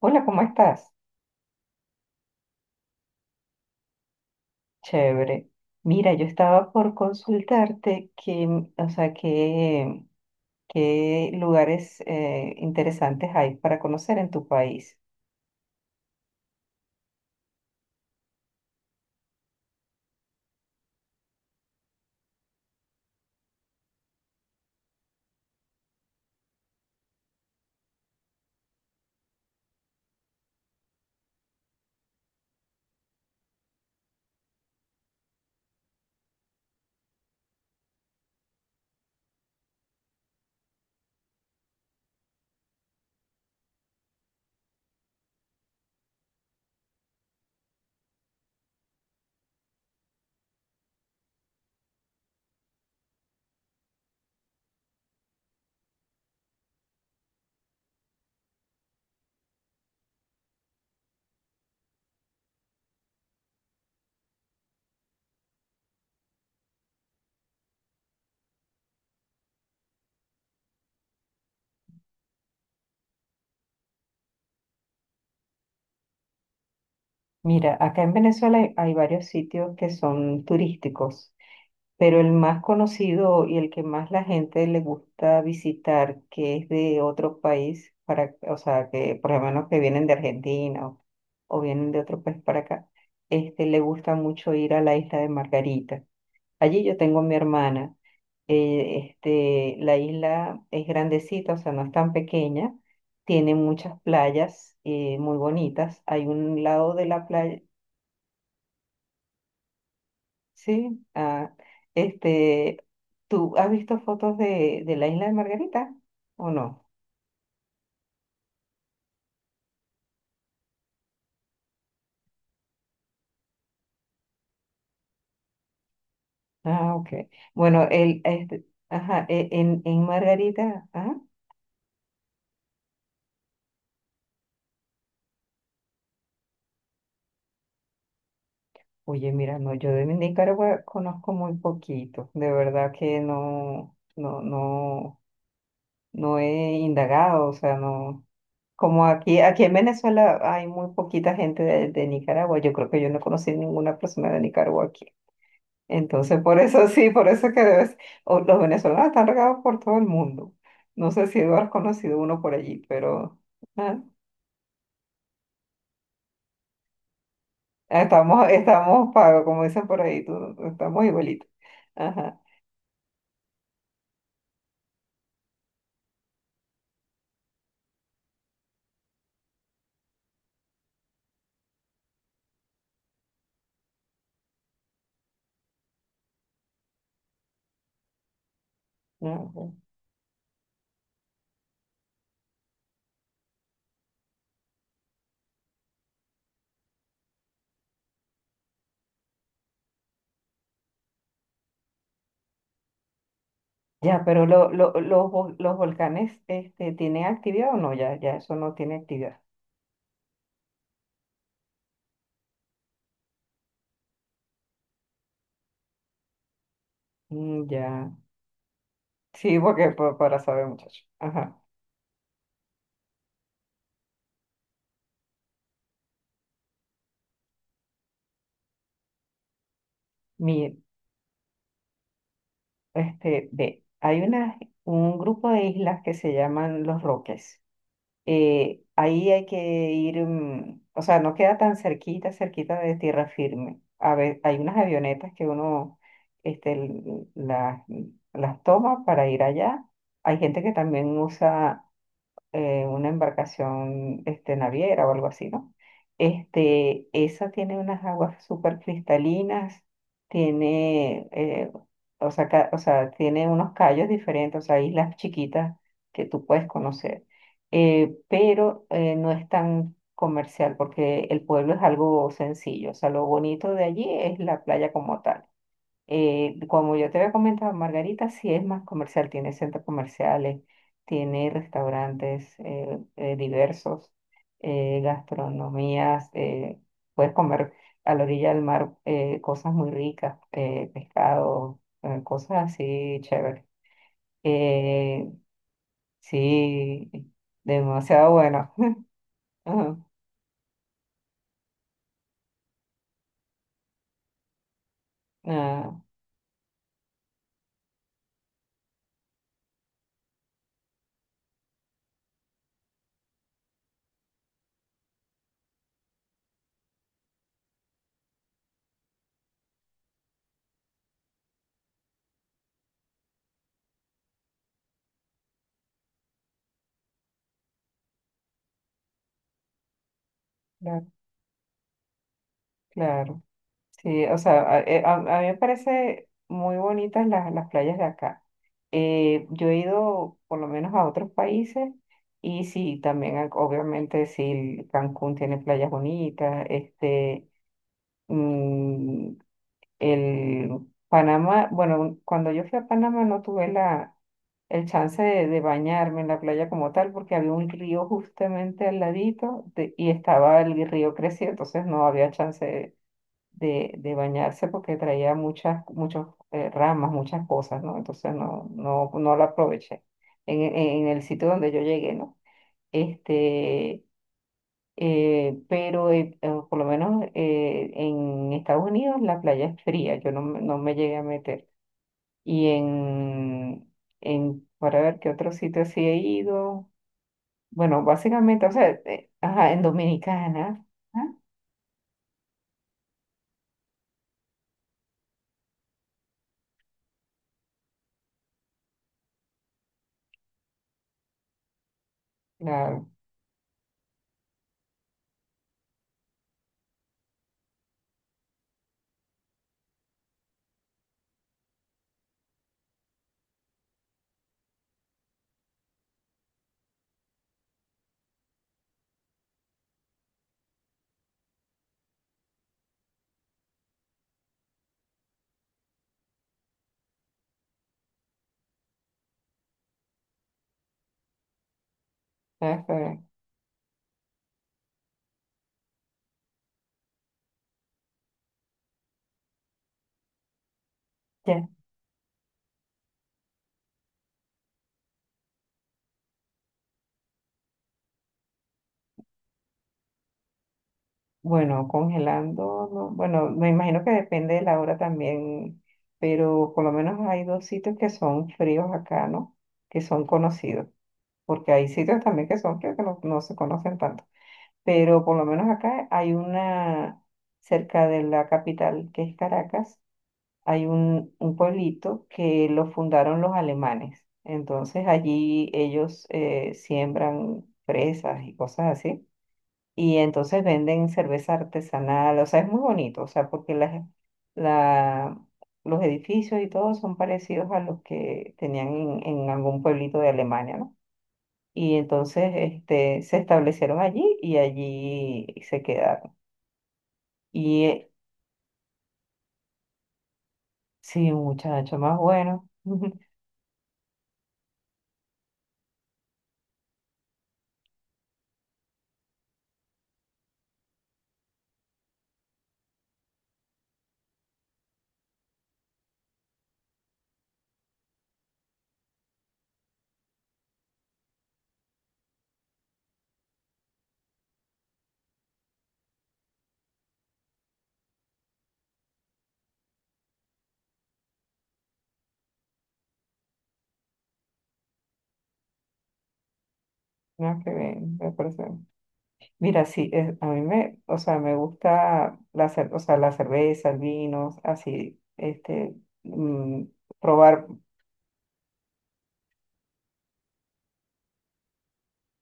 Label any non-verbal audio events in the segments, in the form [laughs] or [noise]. Hola, ¿cómo estás? Chévere. Mira, yo estaba por consultarte o sea, qué lugares interesantes hay para conocer en tu país. Mira, acá en Venezuela hay varios sitios que son turísticos, pero el más conocido y el que más la gente le gusta visitar, que es de otro país, para, o sea, que por lo menos que vienen de Argentina o vienen de otro país para acá, este, le gusta mucho ir a la isla de Margarita. Allí yo tengo a mi hermana. Este, la isla es grandecita, o sea, no es tan pequeña. Tiene muchas playas muy bonitas. Hay un lado de la playa, sí. Este, ¿tú has visto fotos de la isla de Margarita o no? Ah, ok. Bueno, este, ajá, en Margarita, oye, mira, no, yo de Nicaragua conozco muy poquito, de verdad que no. No he indagado, o sea, no. Como aquí en Venezuela hay muy poquita gente de Nicaragua, yo creo que yo no conocí ninguna persona de Nicaragua aquí. Entonces, por eso sí, por eso es que debes, o los venezolanos están regados por todo el mundo. No sé si tú has conocido uno por allí, pero ah, estamos pagos, como dicen por ahí, estamos igualitos. Ajá. Ah, bueno. Ya, pero los volcanes este, ¿tienen actividad o no? Ya, ya, eso no tiene actividad. Mm, ya. Sí, porque para saber, muchacho. Ajá. Mire, este, ve, hay una, un grupo de islas que se llaman Los Roques. Ahí hay que ir, mm, o sea, no queda tan cerquita, cerquita de tierra firme. A ver, hay unas avionetas que este, las toma para ir allá. Hay gente que también usa una embarcación este, naviera o algo así, ¿no? Este, esa tiene unas aguas súper cristalinas, tiene, eh, o sea, o sea, tiene unos callos diferentes, o sea, islas chiquitas que tú puedes conocer. Pero no es tan comercial porque el pueblo es algo sencillo, o sea, lo bonito de allí es la playa como tal. Como yo te había comentado, Margarita sí es más comercial, tiene centros comerciales, tiene restaurantes diversos, gastronomías, puedes comer a la orilla del mar cosas muy ricas, pescado, cosas así chéveres. Eh, sí, demasiado bueno. [laughs] Ajá, ah, claro, claro. Sí, o sea, a mí me parece muy bonitas las playas de acá. Yo he ido por lo menos a otros países y sí, también obviamente sí, Cancún tiene playas bonitas, este, mm, el Panamá, bueno, cuando yo fui a Panamá no tuve el chance de bañarme en la playa como tal porque había un río justamente al ladito y estaba el río crecido, entonces no había chance de bañarse porque traía muchas ramas, muchas cosas, ¿no? Entonces no la aproveché en, en- en el sitio donde yo llegué, ¿no? Este, pero por lo menos en Estados Unidos la playa es fría, yo no, no me llegué a meter. Y en, en, para ver qué otro sitio sí he ido. Bueno, básicamente, o sea, ajá, en Dominicana, ¿ah? Claro, ya fue. Bueno, congelando, no, bueno, me imagino que depende de la hora también, pero por lo menos hay dos sitios que son fríos acá, ¿no? Que son conocidos, porque hay sitios también que son fríos que no se conocen tanto, pero por lo menos acá hay una, cerca de la capital, que es Caracas, hay un pueblito que lo fundaron los alemanes, entonces allí ellos siembran fresas y cosas así. Y entonces venden cerveza artesanal, o sea, es muy bonito, o sea, porque la, los edificios y todo son parecidos a los que tenían en algún pueblito de Alemania, ¿no? Y entonces este, se establecieron allí y allí se quedaron. Y sí, un muchacho más bueno. [laughs] No, qué bien, me parece. Mira, sí, a mí me, o sea, me gusta o sea, la cerveza, el vino, así, este, mm, probar.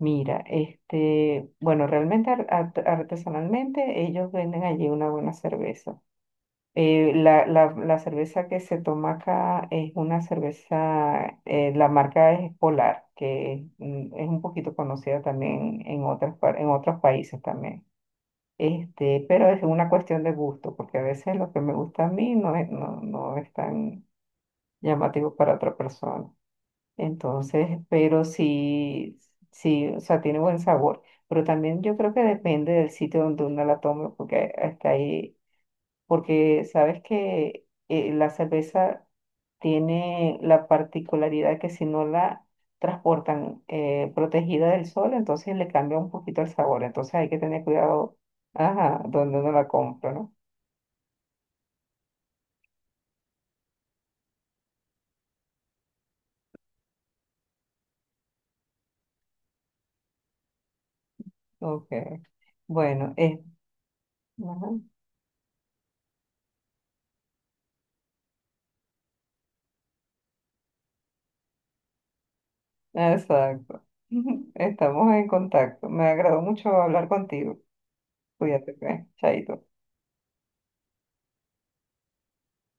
Mira, este, bueno, realmente artesanalmente ellos venden allí una buena cerveza. La cerveza que se toma acá es una cerveza, la marca es Polar, que mm, es un poquito conocida también en en otros países también. Este, pero es una cuestión de gusto, porque a veces lo que me gusta a mí no es, no es tan llamativo para otra persona. Entonces, pero sí, sí, o sea, tiene buen sabor. Pero también yo creo que depende del sitio donde uno la tome, porque hasta ahí, porque sabes que la cerveza tiene la particularidad que si no la transportan protegida del sol, entonces le cambia un poquito el sabor. Entonces hay que tener cuidado, ajá, donde uno la compra, ¿no? Ok. Bueno, ajá. Exacto. [laughs] Estamos en contacto. Me agradó mucho hablar contigo. Cuídate, pues. Chaito.